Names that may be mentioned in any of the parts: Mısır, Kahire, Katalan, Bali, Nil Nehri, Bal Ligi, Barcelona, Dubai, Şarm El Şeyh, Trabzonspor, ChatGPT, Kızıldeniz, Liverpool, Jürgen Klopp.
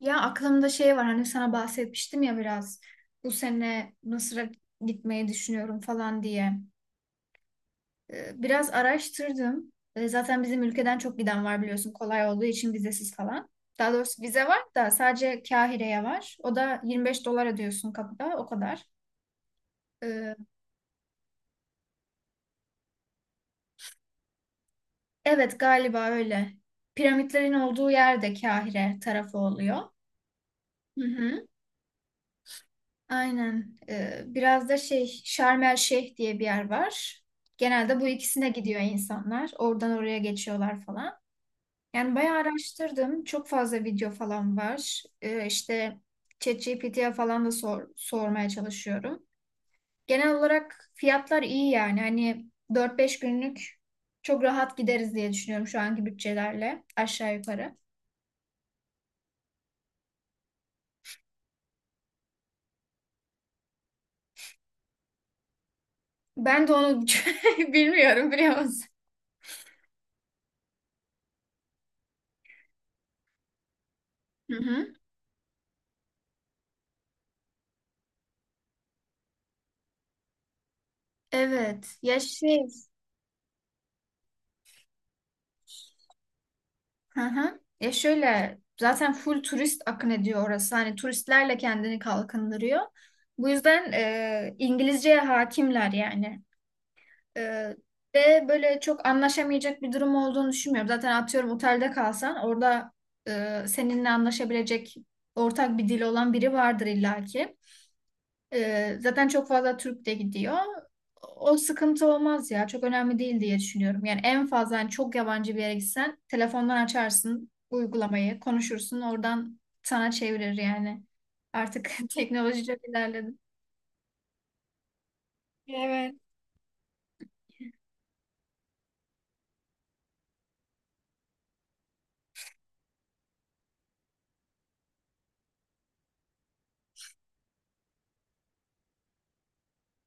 Ya aklımda şey var hani sana bahsetmiştim ya biraz bu sene Mısır'a gitmeyi düşünüyorum falan diye. Biraz araştırdım. Zaten bizim ülkeden çok giden var biliyorsun kolay olduğu için vizesiz falan. Daha doğrusu vize var da sadece Kahire'ye var. O da 25 dolar ödüyorsun kapıda o kadar. Ee, Evet galiba öyle. Piramitlerin olduğu yerde Kahire tarafı oluyor. Hı hı. Aynen. Biraz da şey Şarm El Şeyh diye bir yer var. Genelde bu ikisine gidiyor insanlar. Oradan oraya geçiyorlar falan. Yani bayağı araştırdım. Çok fazla video falan var. İşte ChatGPT'ye falan da sor, sormaya çalışıyorum. Genel olarak fiyatlar iyi yani. Hani 4-5 günlük çok rahat gideriz diye düşünüyorum şu anki bütçelerle aşağı yukarı. Ben de onu bilmiyorum biliyor musun? Hı hı. Evet. Ya şey. Hı hı. Ya şöyle zaten full turist akın ediyor orası. Hani turistlerle kendini kalkındırıyor. Bu yüzden İngilizceye hakimler yani. E, ve böyle çok anlaşamayacak bir durum olduğunu düşünmüyorum. Zaten atıyorum otelde kalsan orada seninle anlaşabilecek ortak bir dil olan biri vardır illaki. Zaten çok fazla Türk de gidiyor. O sıkıntı olmaz ya. Çok önemli değil diye düşünüyorum. Yani en fazla hani çok yabancı bir yere gitsen telefondan açarsın uygulamayı, konuşursun oradan sana çevirir yani. Artık teknoloji çok ilerledi. Evet.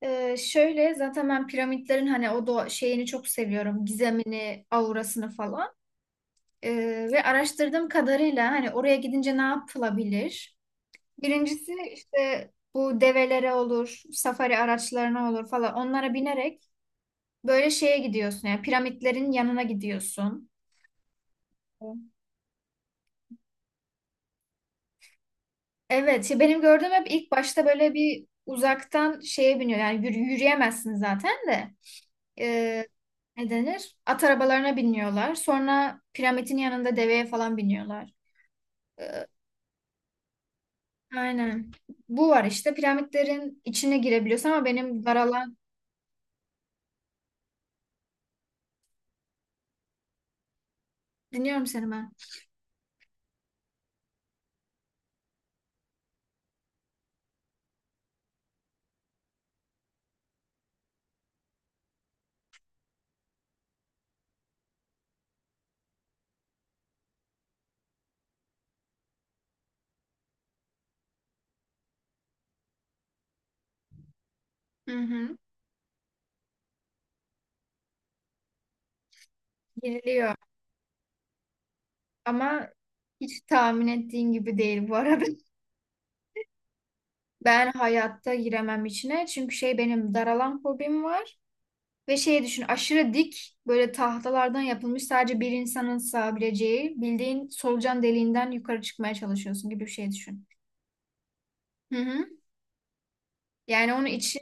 Şöyle zaten ben piramitlerin hani o doğa şeyini çok seviyorum. Gizemini, aurasını falan. Ve araştırdığım kadarıyla hani oraya gidince ne yapılabilir? Birincisi işte bu develere olur, safari araçlarına olur falan onlara binerek böyle şeye gidiyorsun yani piramitlerin yanına gidiyorsun. Evet ya benim gördüğüm hep ilk başta böyle bir uzaktan şeye biniyor yani yürüyemezsin zaten de. Ee, Ne denir? At arabalarına biniyorlar sonra piramidin yanında deveye falan biniyorlar. Ee, aynen bu var işte piramitlerin içine girebiliyorsun ama benim daralan. Dinliyorum seni ben. Hı hı. Giriliyor. Ama hiç tahmin ettiğin gibi değil bu arada. Ben hayatta giremem içine. Çünkü şey benim daralan fobim var. Ve şey düşün aşırı dik böyle tahtalardan yapılmış sadece bir insanın sığabileceği bildiğin solucan deliğinden yukarı çıkmaya çalışıyorsun gibi bir şey düşün. Hı hı. Yani onun içi,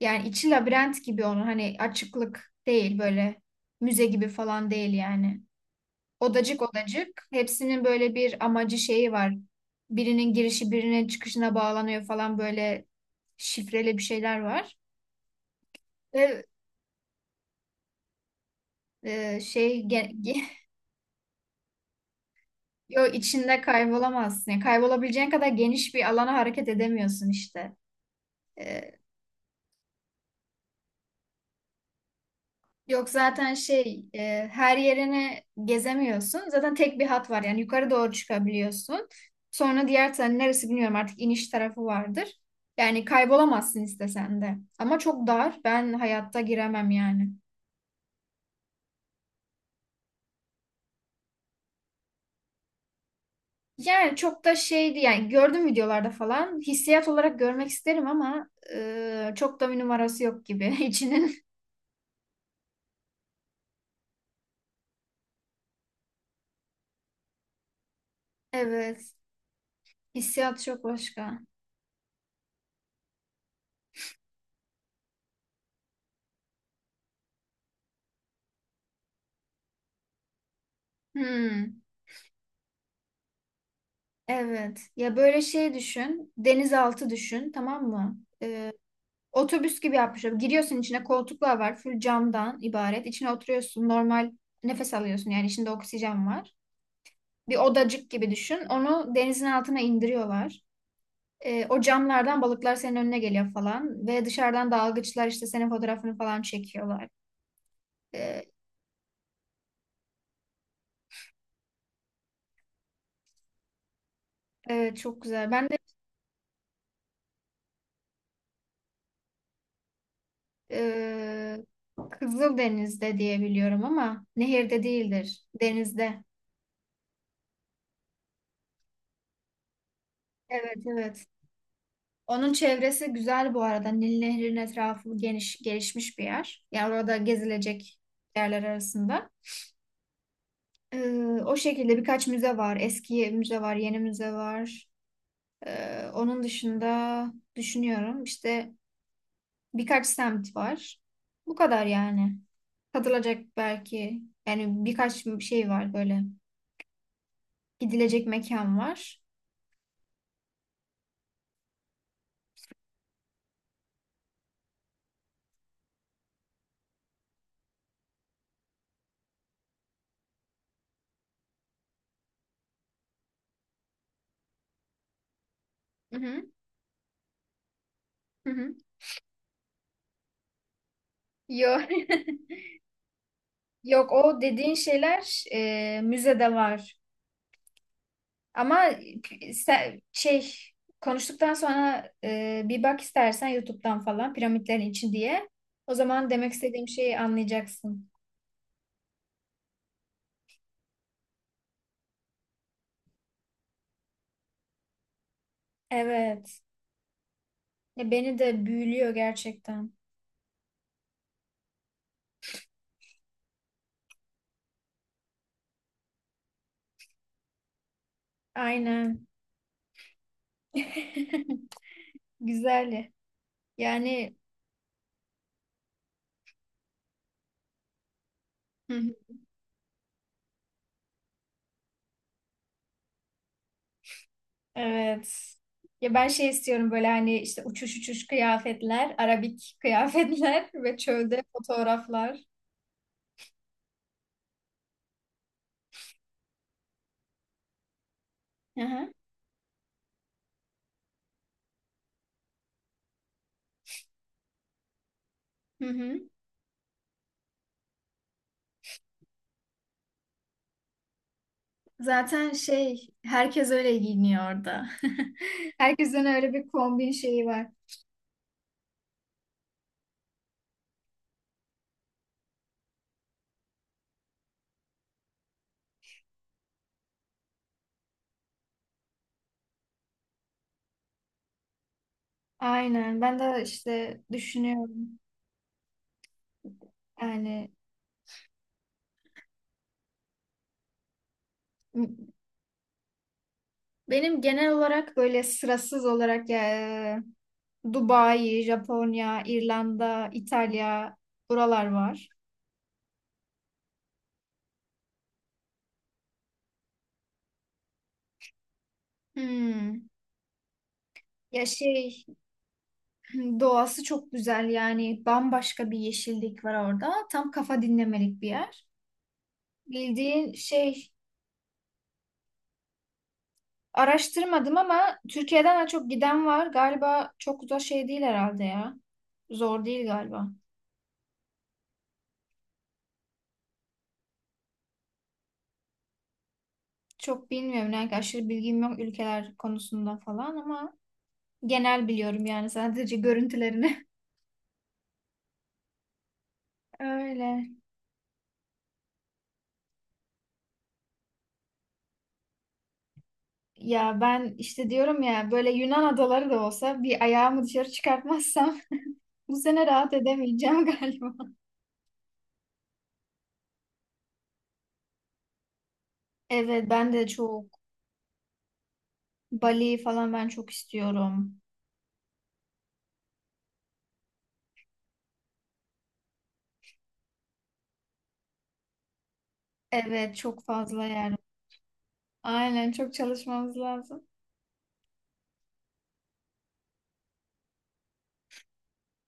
yani içi labirent gibi onun hani, açıklık değil, böyle müze gibi falan değil yani. Odacık odacık. Hepsinin böyle bir amacı şeyi var. Birinin girişi birinin çıkışına bağlanıyor falan, böyle şifreli bir şeyler var. Ve şey yo, içinde kaybolamazsın. Yani kaybolabileceğin kadar geniş bir alana hareket edemiyorsun işte. E, Yok, zaten şey her yerini gezemiyorsun. Zaten tek bir hat var yani yukarı doğru çıkabiliyorsun. Sonra diğer tarafı neresi bilmiyorum artık, iniş tarafı vardır. Yani kaybolamazsın istesen de. Ama çok dar. Ben hayatta giremem yani. Yani çok da şeydi yani, gördüm videolarda falan. Hissiyat olarak görmek isterim ama çok da bir numarası yok gibi içinin. Evet. Hissiyat çok başka. Hmm. Evet. Ya böyle şey düşün. Denizaltı düşün, tamam mı? Otobüs gibi yapmışlar. Giriyorsun içine, koltuklar var. Full camdan ibaret. İçine oturuyorsun. Normal nefes alıyorsun. Yani içinde oksijen var. Bir odacık gibi düşün. Onu denizin altına indiriyorlar. O camlardan balıklar senin önüne geliyor falan. Ve dışarıdan dalgıçlar işte senin fotoğrafını falan çekiyorlar. Ee, evet çok güzel. Ben de e, Kızıldeniz'de diye biliyorum ama nehirde değildir. Denizde. Evet, evet. Onun çevresi güzel bu arada. Nil Nehri'nin etrafı geniş, gelişmiş bir yer. Yani orada gezilecek yerler arasında. Ee, o şekilde birkaç müze var. Eski müze var, yeni müze var. Onun dışında düşünüyorum işte birkaç semt var. Bu kadar yani. Katılacak belki, yani birkaç şey var böyle. Gidilecek mekan var. Hı hı, hı hı. Yok, yok, o dediğin şeyler müzede var. Ama şey konuştuktan sonra bir bak istersen YouTube'dan falan piramitlerin için diye. O zaman demek istediğim şeyi anlayacaksın. Evet. Ya beni de büyülüyor gerçekten. Aynen. Güzel. Yani hı hı, evet. Ya ben şey istiyorum, böyle hani işte uçuş uçuş kıyafetler, arabik kıyafetler ve çölde fotoğraflar. Hı hı. Hı hı. Zaten şey herkes öyle giyiniyor orada. Herkesin öyle bir kombin şeyi var. Aynen. Ben de işte düşünüyorum. Yani m- benim genel olarak böyle sırasız olarak ya, Dubai, Japonya, İrlanda, İtalya, buralar var. Hmm. Ya şey, doğası çok güzel, yani bambaşka bir yeşillik var orada. Tam kafa dinlemelik bir yer. Bildiğin şey. Araştırmadım ama Türkiye'den de çok giden var. Galiba çok da şey değil herhalde ya. Zor değil galiba. Çok bilmiyorum. Yani aşırı bilgim yok ülkeler konusunda falan ama genel biliyorum yani, sadece görüntülerini. Öyle. Ya ben işte diyorum ya, böyle Yunan adaları da olsa bir ayağımı dışarı çıkartmazsam bu sene rahat edemeyeceğim galiba. Evet, ben de çok. Bali falan ben çok istiyorum. Evet, çok fazla yer. Aynen, çok çalışmamız lazım.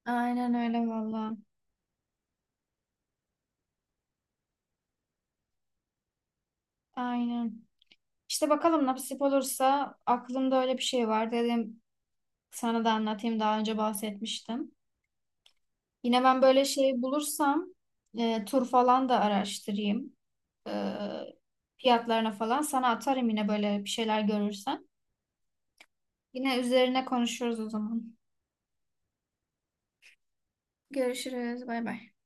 Aynen öyle valla. Aynen. İşte bakalım nasip olursa, aklımda öyle bir şey var. Dedim sana da anlatayım, daha önce bahsetmiştim. Yine ben böyle şey bulursam tur falan da araştırayım. E, fiyatlarına falan sana atarım yine böyle bir şeyler görürsem. Yine üzerine konuşuruz o zaman. Görüşürüz. Bay bay.